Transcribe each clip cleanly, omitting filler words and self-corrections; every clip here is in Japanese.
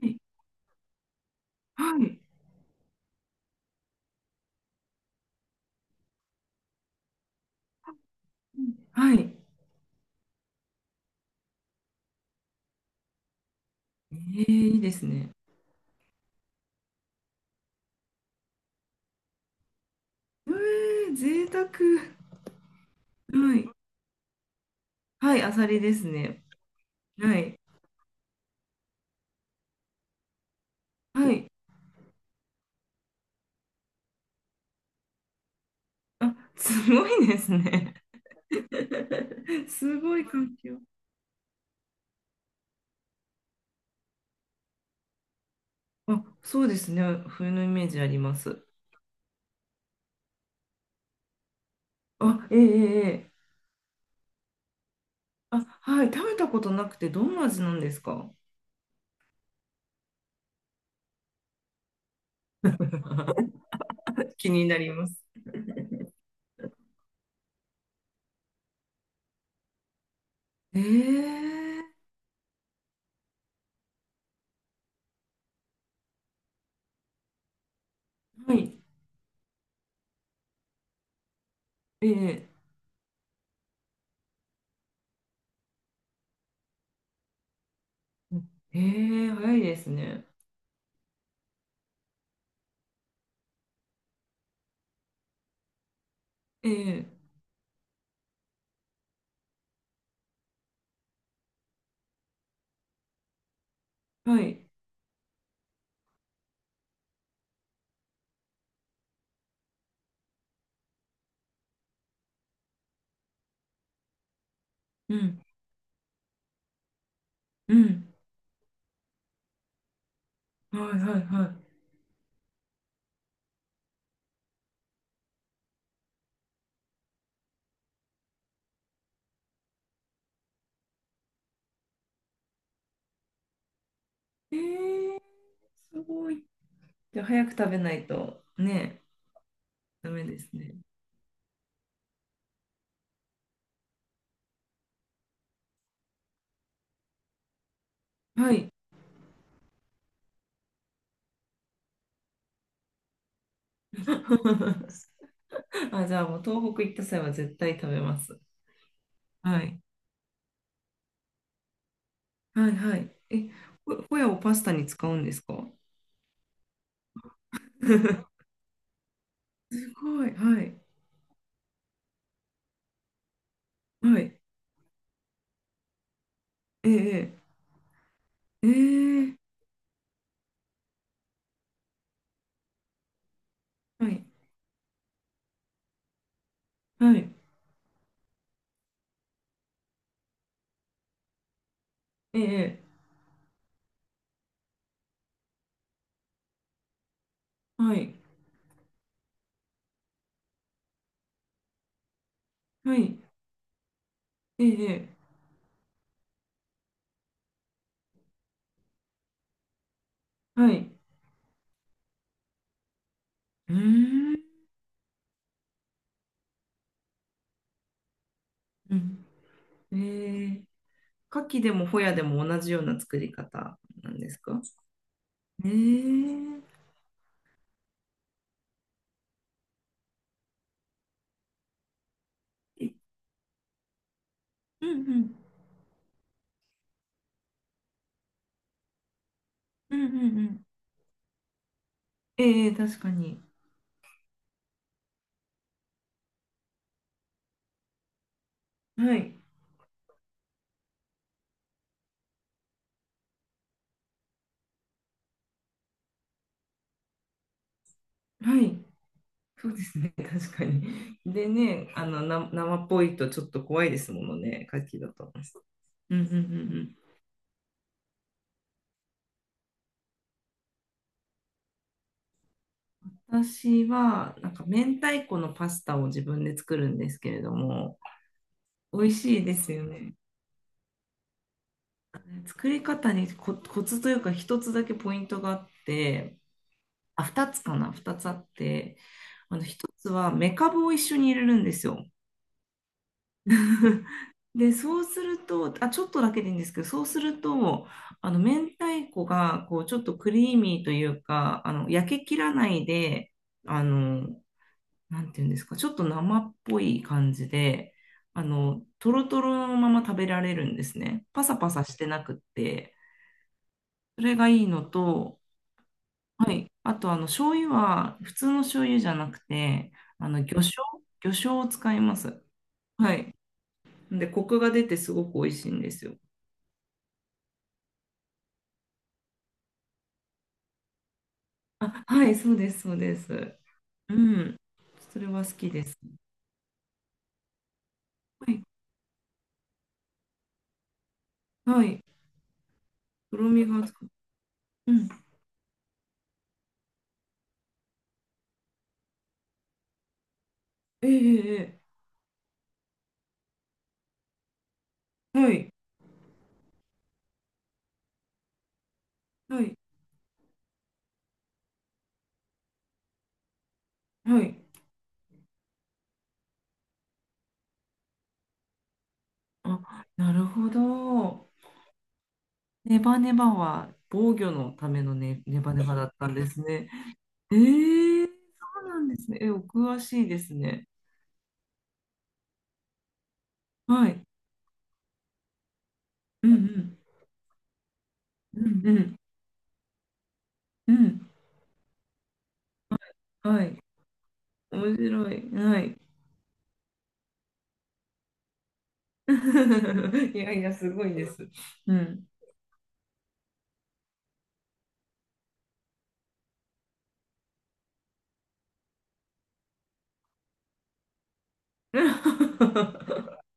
はい。はい。はい、え、えいいですね。ええ、贅沢。はい。はい、あさりですね。はい。はい。あ、すごいですね。すごい環境。あ、そうですね。冬のイメージあります。あ、ええええええ。あ、はい。食べたことなくて、どんな味なんですか？ 気になります。え、えはい。えええ、え、早いですね。ええ、はい。うん。うん。はいはいはい。えー、すごい。じゃあ早く食べないとね、ダメですね。はい。あ、じゃあもう東北行った際は絶対食べます。はい。はいはい。え、ホ、ホヤをパスタに使うんですか？ すごい。はい。はい。えええ、え、はい。はい。ええ、はい。はい。ええ、はい。うーん。うん、え、え、牡蠣でもホヤでも同じような作り方なんですか？えー、え、うんうん。うんうんうん。ええ、確かに。はい。はい。そうですね。確かに。でね、生っぽいとちょっと怖いですものね、牡蠣だと。うんうんうんうん。私は、明太子のパスタを自分で作るんですけれども、美味しいですよね。作り方にコツというか、一つだけポイントがあって、あ、二つかな、二つあって、あの、一つは、めかぶを一緒に入れるんですよ。で、そうすると、あ、ちょっとだけでいいんですけど、そうすると、あの、明太子が、こう、ちょっとクリーミーというか、あの、焼けきらないで、あの、なんていうんですか、ちょっと生っぽい感じで、あの、トロトロのまま食べられるんですね。パサパサしてなくって、それがいいのと、はい。あと、あの、醤油は、普通の醤油じゃなくて、あの、魚醤を使います。はい。で、コクが出てすごく美味しいんですよ。あ、はい、そうです。うん。それは好きです。はい、はい。とろみがつく。うん。ええええええ、はい、はい。あ、なるほど。ネバネバは防御のためのね、ネバネバだったんですね。え、え、そうなんですね。え、お詳しいですね。はい。うんうん。うんうん。うん。はい。面白い。はい。いやいや、すごいです。うん。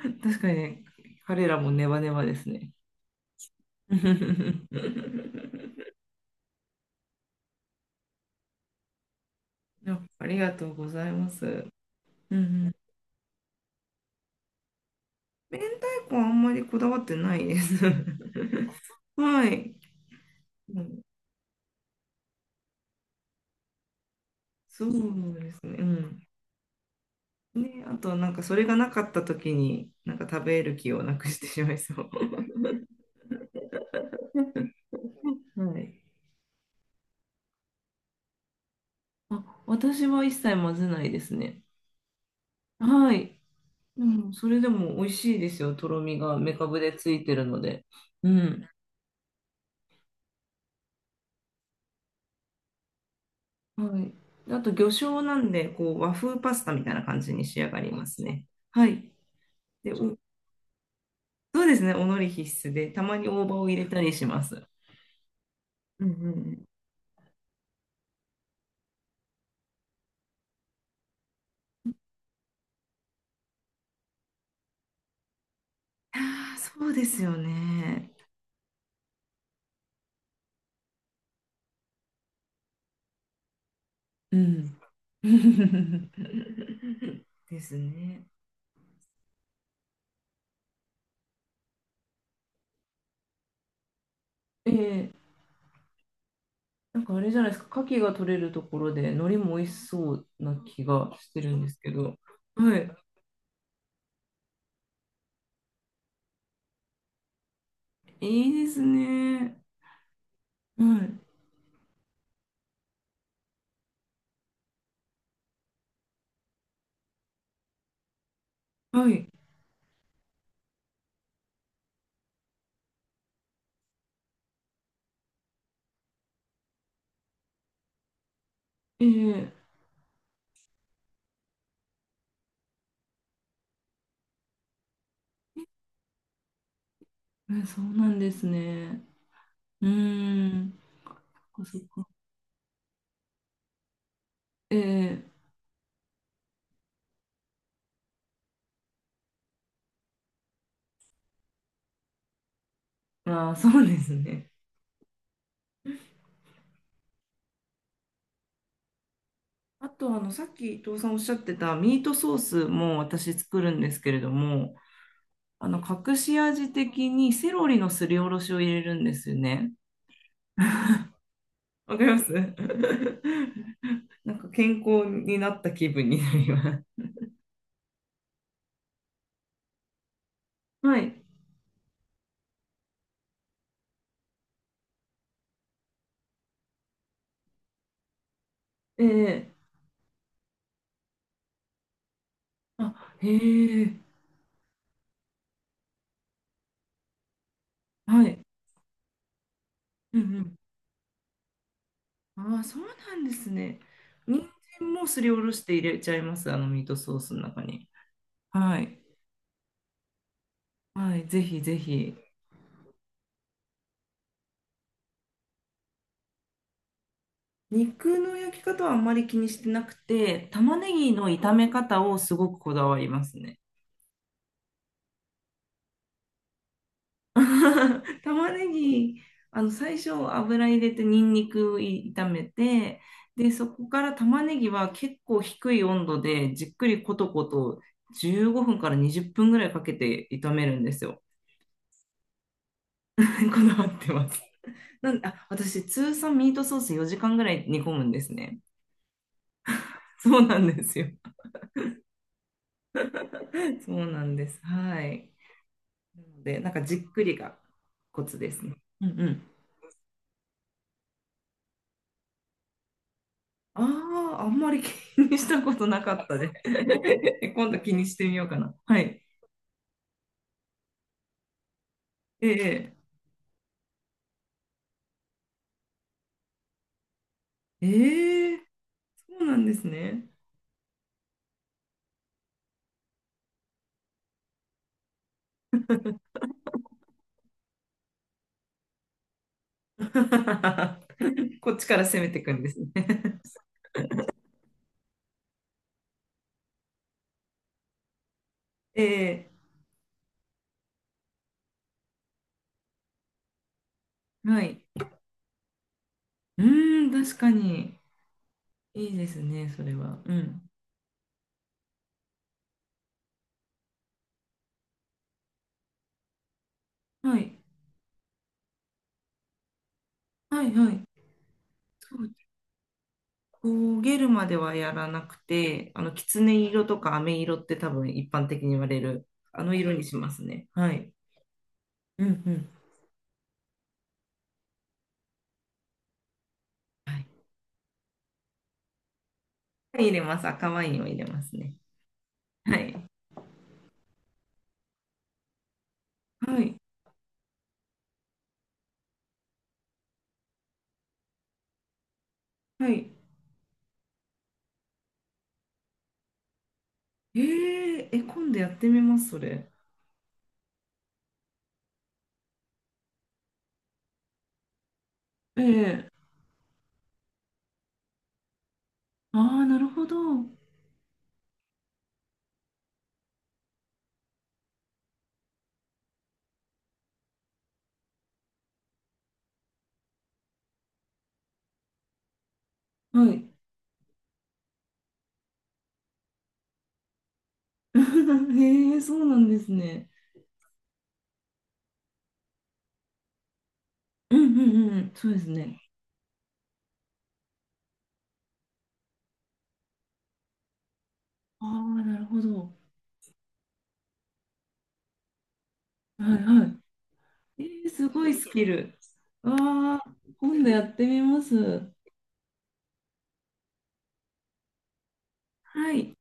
確かにね、彼らもネバネバですね。や、ありがとうございます。うんうん、明太子はあんまりこだわってないです。はい、うん。そうですね。うん。ね、あとなんかそれがなかった時になんか食べる気をなくしてしまいそう。はい。あ、私は一切混ぜないですね。はい。でも、それでも美味しいですよ。とろみがめかぶでついてるので。うん。はい。あと、魚醤なんで、こう、和風パスタみたいな感じに仕上がりますね。はい。で、お、そうですね、お海苔必須で、たまに大葉を入れたりします。うんうんうん。ああ、そうですよね。うん。ですね。え、えなんかあれじゃないですか、牡蠣が取れるところで、海苔も美味しそうな気がしてるんですけど。はい。いいですね。はい。はい。ええ、うん、そうなんですね。うーん。そっかそっか。え、え、ああ、そうですね。あと、あの、さっき伊藤さんおっしゃってたミートソースも私作るんですけれども、あの、隠し味的にセロリのすりおろしを入れるんですよね。わかります。 なんか健康になった気分になります。はい。え、え、あ、へえ。はい。うんうん。ああ、そうなんですね。人参もすりおろして入れちゃいます、あのミートソースの中に。はい。はい、ぜひぜひ。肉の焼き方はあんまり気にしてなくて、玉ねぎの炒め方をすごくこだわりますね。玉ねぎ、あの最初油入れてニンニク炒めて、で、そこから玉ねぎは結構低い温度でじっくりコトコト、15分から20分ぐらいかけて炒めるんですよ。こだわってます。なんで、あ、私通算ミートソース4時間ぐらい煮込むんですね。そうなんですよ。そうなんです。はい。なので、なんかじっくりがコツですね。うんうん。ああ、あんまり気にしたことなかったで、ね。今度気にしてみようかな。はい。ええええ、そうなんですね。こっちから攻めていくんですね。ええ、はい。うーん、確かに。いいですね、それは。うん。はい。はい、はい。焦げるまではやらなくて、あの、きつね色とか飴色って多分一般的に言われる、あの色にしますね。はい。うんうん。はい。入れます。赤ワインを入れますね。はい。はい。はい。えー、え、今度やってみます、それ。ええ、ああー、なるほど。はい。え、え、そうなんですね。うんうんうん。そうですね。ああ、なるほど。はいはい。えー、すごいスキル。ああ、今度やってみます。はい。